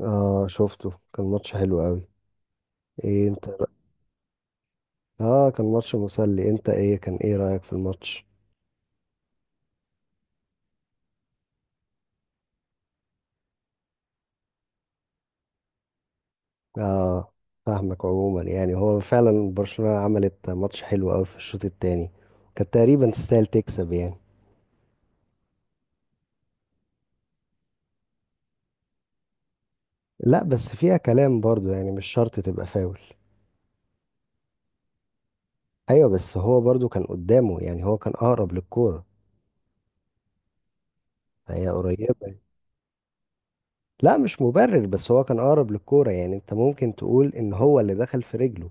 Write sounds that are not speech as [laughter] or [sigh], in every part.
اه شفته. كان ماتش حلو قوي. ايه انت اه كان ماتش مسلي. انت ايه كان ايه رأيك في الماتش؟ اه فاهمك. عموما يعني هو فعلا برشلونة عملت ماتش حلو قوي في الشوط التاني، كانت تقريبا تستاهل تكسب يعني. لا بس فيها كلام برضو، يعني مش شرط تبقى فاول. ايوه بس هو برضو كان قدامه، يعني هو كان اقرب للكورة، هي قريبة. لا مش مبرر، بس هو كان اقرب للكورة، يعني انت ممكن تقول ان هو اللي دخل في رجله.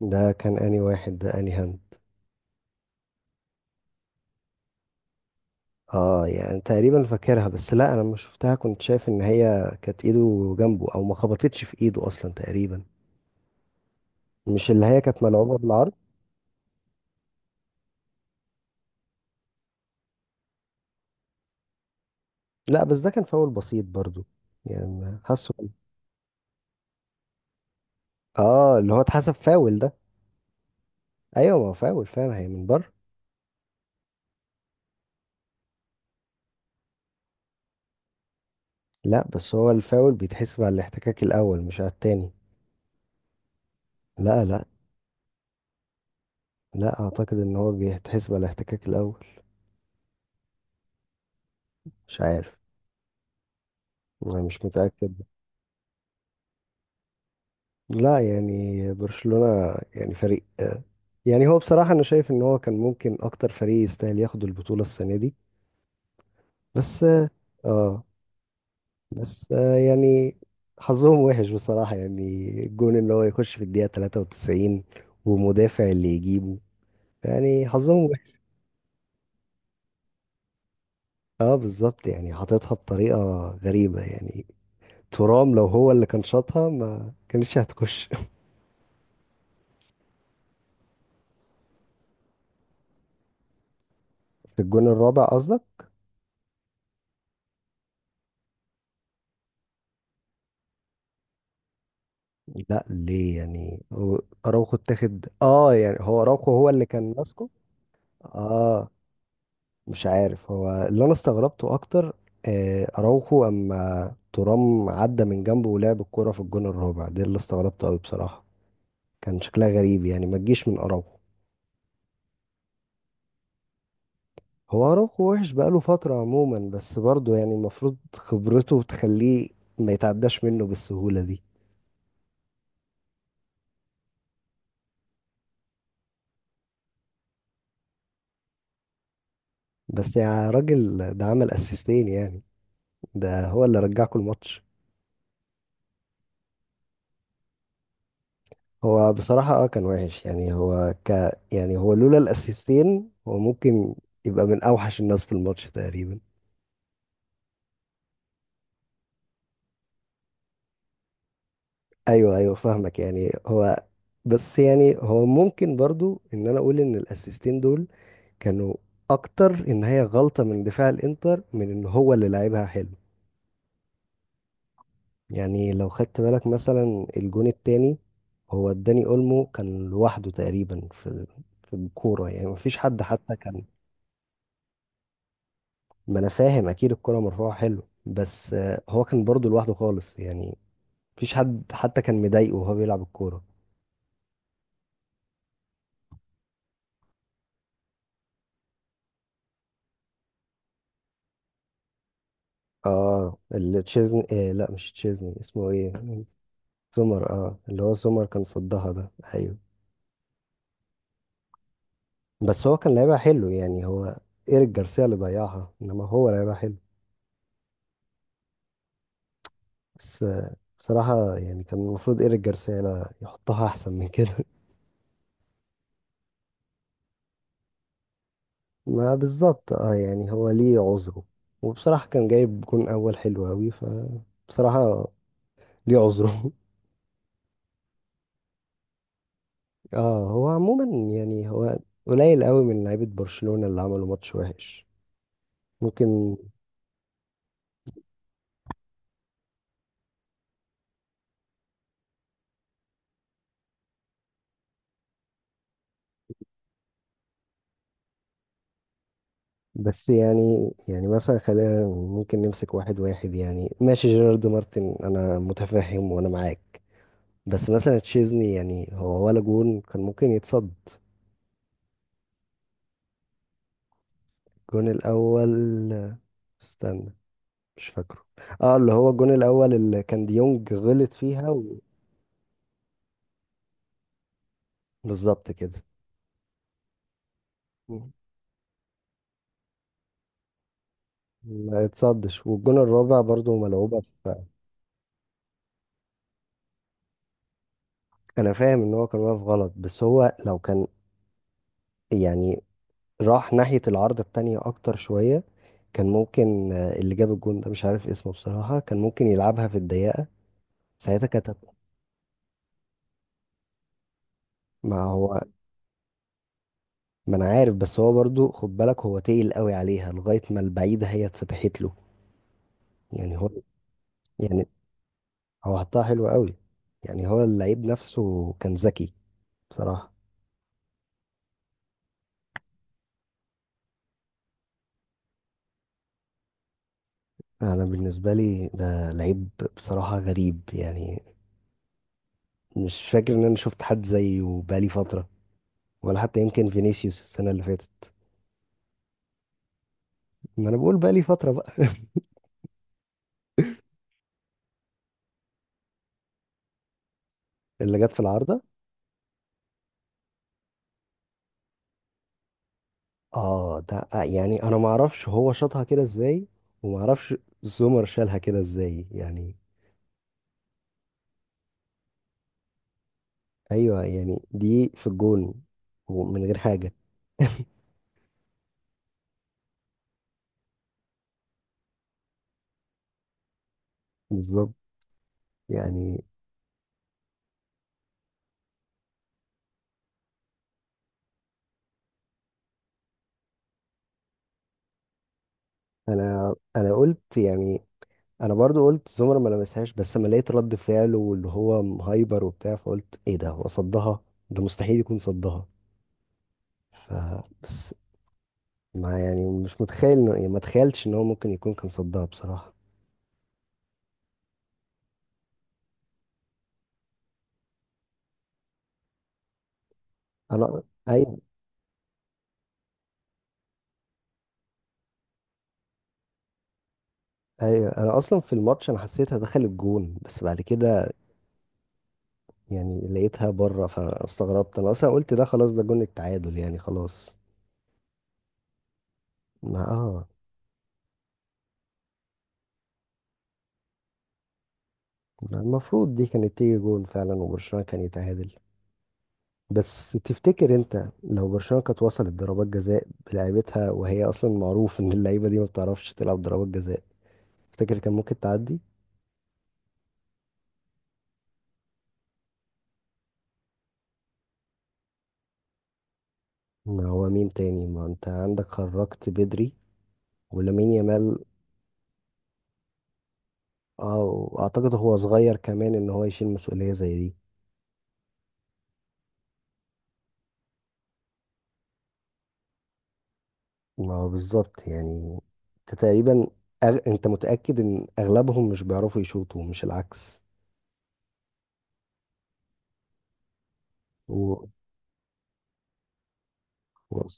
ده كان انهي واحد؟ ده انهي هاند؟ اه يعني تقريبا فاكرها، بس لا انا لما شفتها كنت شايف ان هي كانت ايده جنبه، او ما خبطتش في ايده اصلا تقريبا. مش اللي هي كانت ملعوبة بالعرض؟ لا بس ده كان فاول بسيط برضو يعني، حاسه. اه اللي هو اتحسب فاول ده. ايوه ما هو فاول فعلا، هي من بره. لا بس هو الفاول بيتحسب على الاحتكاك الاول مش على التاني. لا لا لا، اعتقد ان هو بيتحسب على الاحتكاك الاول. مش عارف، انا مش متأكد. لا يعني برشلونة يعني فريق يعني هو بصراحة أنا شايف إن هو كان ممكن أكتر فريق يستاهل ياخد البطولة السنة دي. بس آه، بس يعني حظهم وحش بصراحة يعني. الجون إن هو يخش في الدقيقة 93 ومدافع اللي يجيبه، يعني حظهم وحش. اه بالظبط يعني حاططها بطريقة غريبة يعني. ترام لو هو اللي كان شاطها ما كانتش هتخش [laughs] في الجون الرابع قصدك؟ لا ليه يعني هو اراوخو اتاخد؟ اه يعني هو اراوخو هو اللي كان ماسكه. اه مش عارف، هو اللي انا استغربته اكتر اراوخو، اما ترام عدى من جنبه ولعب الكرة في الجون الرابع، ده اللي استغربته قوي بصراحة. كان شكلها غريب يعني، ما تجيش من اراوخو. هو اراوخو وحش بقاله فترة عموما، بس برضه يعني المفروض خبرته تخليه ما يتعداش منه بالسهولة دي. بس يا راجل ده عمل اسيستين يعني، ده هو اللي رجعكوا الماتش. هو بصراحة اه كان وحش يعني. هو ك يعني هو لولا الاسيستين هو ممكن يبقى من اوحش الناس في الماتش تقريبا. ايوه ايوه فاهمك يعني. هو بس يعني هو ممكن برضو ان انا اقول ان الاسيستين دول كانوا اكتر ان هي غلطة من دفاع الانتر من ان هو اللي لعبها حلو يعني. لو خدت بالك مثلا الجون التاني، هو داني اولمو كان لوحده تقريبا في الكورة، يعني مفيش حد حتى كان. ما انا فاهم اكيد الكرة مرفوعة حلو، بس هو كان برضه لوحده خالص يعني، مفيش حد حتى كان مضايقه وهو بيلعب الكورة. اه اللي تشيزني إيه، لا مش تشيزني، اسمه ايه؟ سومر، اه اللي هو سومر كان صدها ده، ايوه. بس هو كان لعيبها حلو يعني، هو ايريك جارسيا اللي ضيعها، انما هو لعيبها حلو. بس بصراحة يعني كان المفروض ايريك جارسيا لا يحطها احسن من كده [laughs] ما بالظبط، اه يعني هو ليه عذره، وبصراحة كان جايب جون اول حلو اوي، ف بصراحة ليه عذره [laughs] اه هو عموما يعني هو قليل قوي من لعيبة برشلونة اللي عملوا ماتش وحش، ممكن. بس يعني يعني مثلا خلينا ممكن نمسك واحد واحد يعني. ماشي جيرارد مارتن انا متفهم وانا معاك، بس مثلا تشيزني يعني هو ولا جون كان ممكن يتصد؟ الجون الاول، استنى، مش فاكره. اه اللي هو الجون الاول اللي كان ديونج غلط فيها بالظبط كده. ما اتصدش، والجون الرابع برضو ملعوبة. انا فاهم ان هو كان واقف غلط، بس هو لو كان يعني راح ناحية العارضة التانية اكتر شوية كان ممكن اللي جاب الجون ده مش عارف اسمه بصراحة، كان ممكن يلعبها في الضيقة، ساعتها ما هو، ما انا عارف. بس هو برضو خد بالك هو تقل قوي عليها لغاية ما البعيدة هي اتفتحت له، يعني هو يعني. هو حطها حلو قوي، يعني هو اللعيب نفسه كان ذكي بصراحة. انا بالنسبة لي ده لعيب بصراحة غريب يعني، مش فاكر ان انا شفت حد زيه بقالي فترة، ولا حتى يمكن فينيسيوس السنة اللي فاتت. ما انا بقول بقى لي فترة بقى. اللي جت في العارضة؟ اه ده يعني انا ما اعرفش هو شاطها كده ازاي، وما اعرفش زومر شالها كده ازاي يعني. ايوه يعني دي في الجون، ومن غير حاجة. بالظبط يعني. انا قلت يعني، انا برضو قلت زومر ما لمسهاش، بس لما لقيت رد فعله واللي هو هايبر وبتاع فقلت ايه ده، هو صدها، ده مستحيل يكون صدها. ف ما يعني مش متخيل انه، يعني ما تخيلتش ان هو ممكن يكون كان صدها بصراحة. انا ايوه. ايوه انا اصلا في الماتش انا حسيتها دخلت جون، بس بعد كده يعني لقيتها بره فاستغربت، انا اصلا قلت ده خلاص ده جون التعادل يعني، خلاص. ما اه ما المفروض دي كانت تيجي جون فعلا وبرشلونة كان يتعادل. بس تفتكر انت لو برشلونة كانت وصلت ضربات جزاء بلعيبتها، وهي اصلا معروف ان اللعيبة دي ما بتعرفش تلعب ضربات جزاء، تفتكر كان ممكن تعدي؟ ما هو مين تاني، ما انت عندك خرجت بدري، ولامين يامال. اه واعتقد هو صغير كمان ان هو يشيل مسؤولية زي دي. ما هو بالظبط يعني، انت تقريبا انت متأكد ان اغلبهم مش بيعرفوا يشوطوا مش العكس؟ و... و...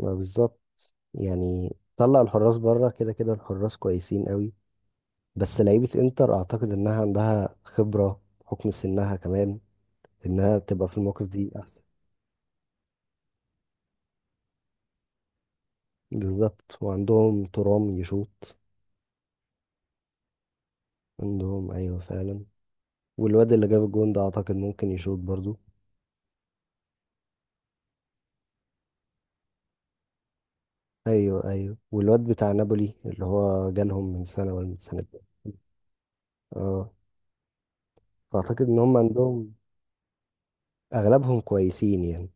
ما بالظبط يعني، طلع الحراس بره كده كده الحراس كويسين قوي، بس لعيبة انتر اعتقد انها عندها خبرة بحكم سنها كمان انها تبقى في الموقف دي احسن. بالظبط، وعندهم ترام يشوط، عندهم ايوه فعلا، والواد اللي جاب الجون ده اعتقد ممكن يشوط برضو. ايوه ايوه، والواد بتاع نابولي اللي هو جالهم من سنه ولا من سنتين. اه، فاعتقد ان هم عندهم اغلبهم كويسين يعني.